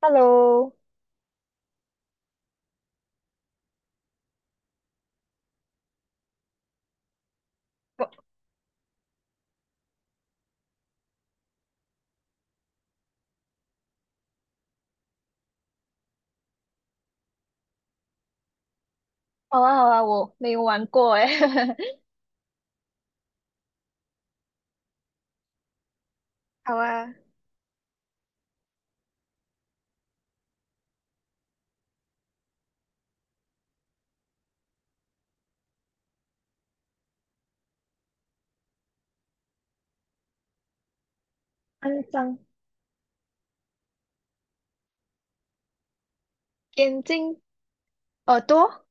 Hello。好啊，好啊，我没有玩过诶，好啊。肮脏，眼睛、耳朵、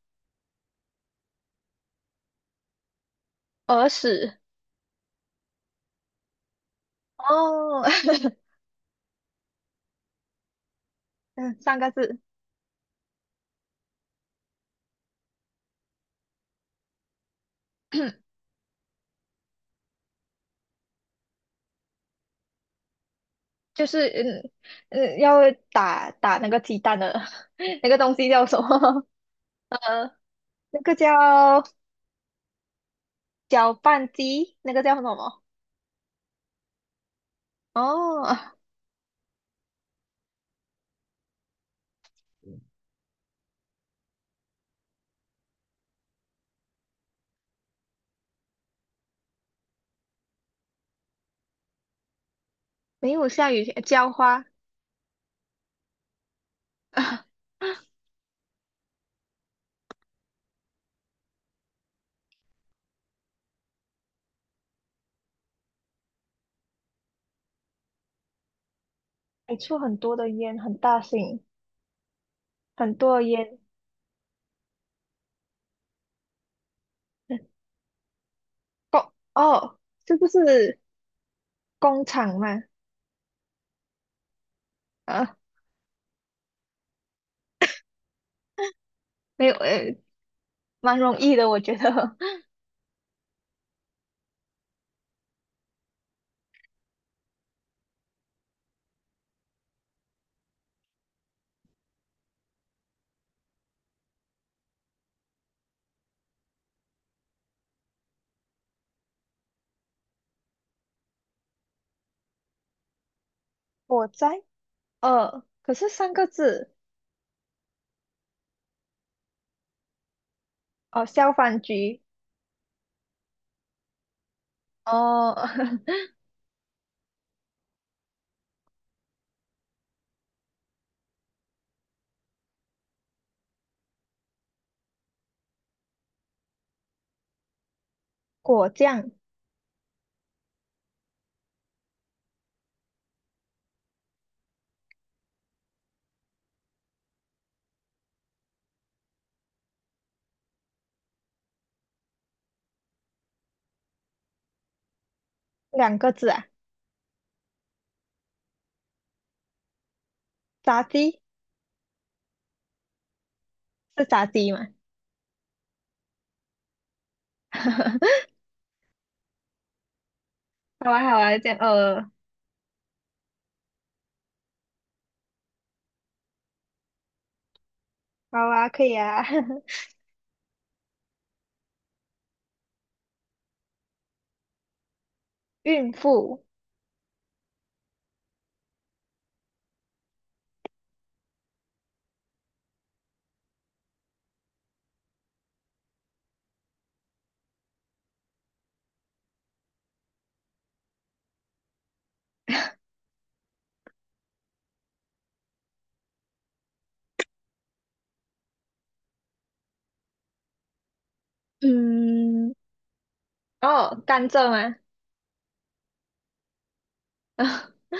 耳屎。哦，嗯，三个字。就是嗯嗯，要打那个鸡蛋的 那个东西叫什么？呃，那个叫搅拌机，那个叫什么？哦，没有下雨天，浇花。你出很多的烟，很大声，很多的烟。哦哦，是不是？工厂嘛。啊，没有，蛮容易的，我觉得。火灾，呃，可是三个字。哦，消防局。哦，果酱。两个字啊，炸鸡，是炸鸡嘛？好啊，好啊，这样，呃，好啊，可以啊。孕妇。嗯，哦，甘蔗吗？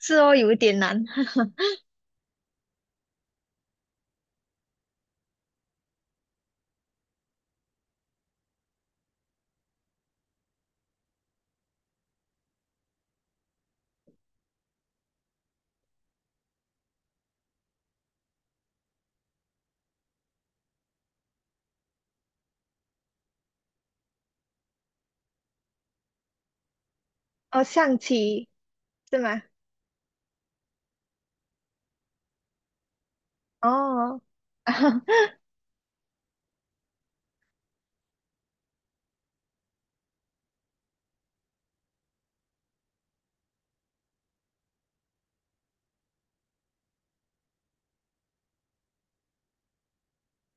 是哦，有一点难。哦，象棋是吗？哦，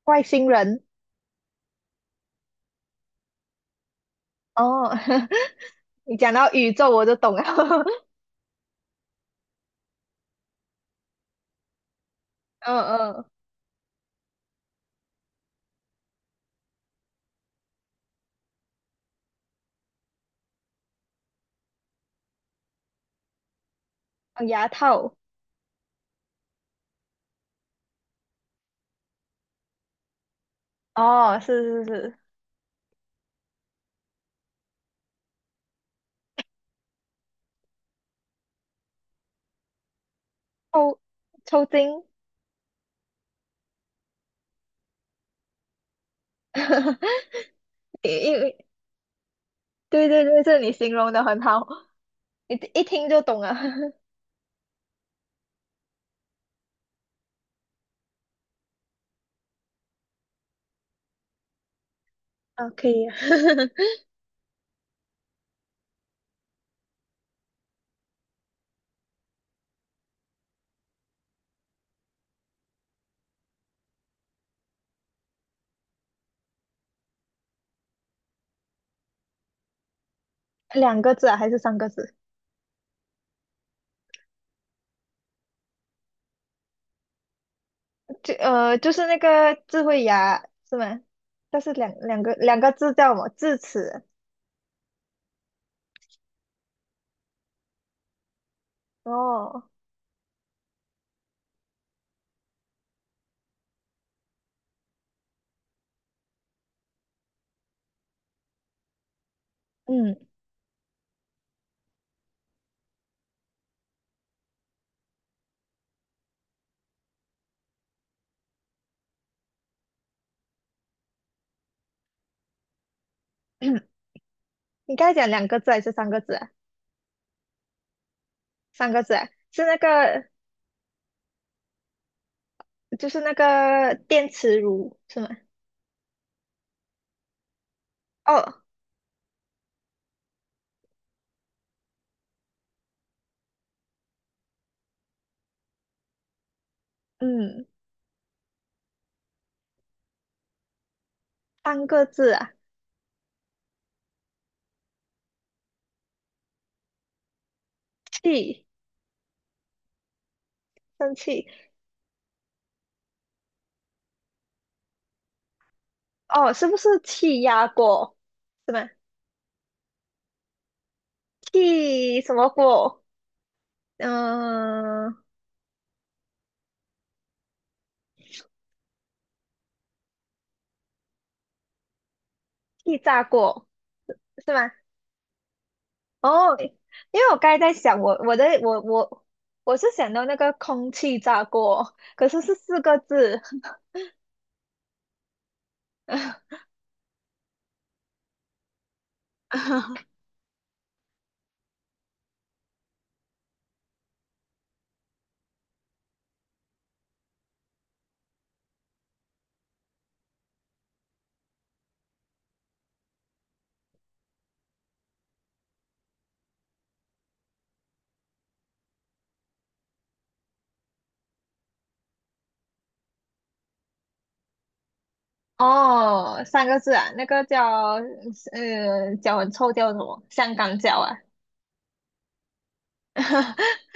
外星人。哦，你讲到宇宙我就懂了。嗯嗯。哦，牙套。哦，是是是。抽抽筋，因为对对对，这你形容的很好，一听就懂了。啊，可以啊。两个字啊，还是三个字？就呃，就是那个智慧牙是吗？但是两个字叫什么？智齿。哦，嗯，你刚才讲两个字还是三个字啊？三个字啊，是那个就是那个电磁炉是吗？哦，嗯，三个字啊，气，生气，哦，是不是气压锅？是吗？气什么锅？嗯、气炸锅，是吗？哦，因为我刚才在想，我我是想到那个空气炸锅，可是是四个字。哦，三个字啊，那个叫呃，脚很臭叫什么？香港脚啊。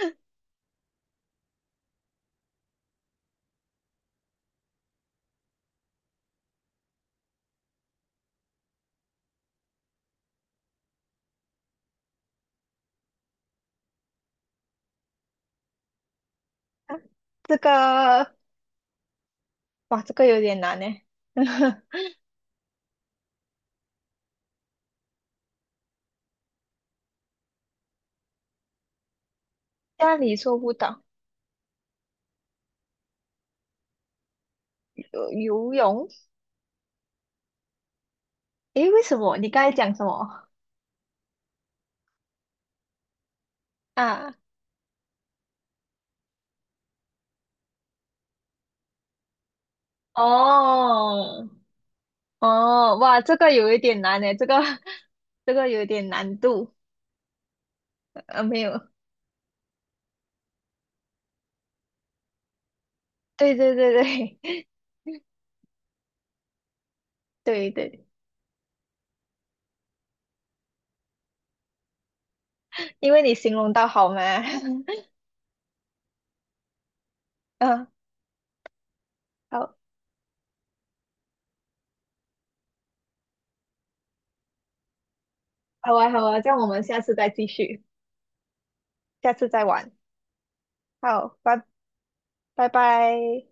啊，这个，哇，这个有点难呢。家里做不到，游泳？诶，为什么？你刚才讲什么？啊，哦，哦，哇，这个有一点难呢，这个 这个有点难度。呃，没有，对对对对 对对，因为你形容到好嘛。嗯，好，好啊，好啊，这样我们下次再继续。下次再玩。好，拜，拜拜。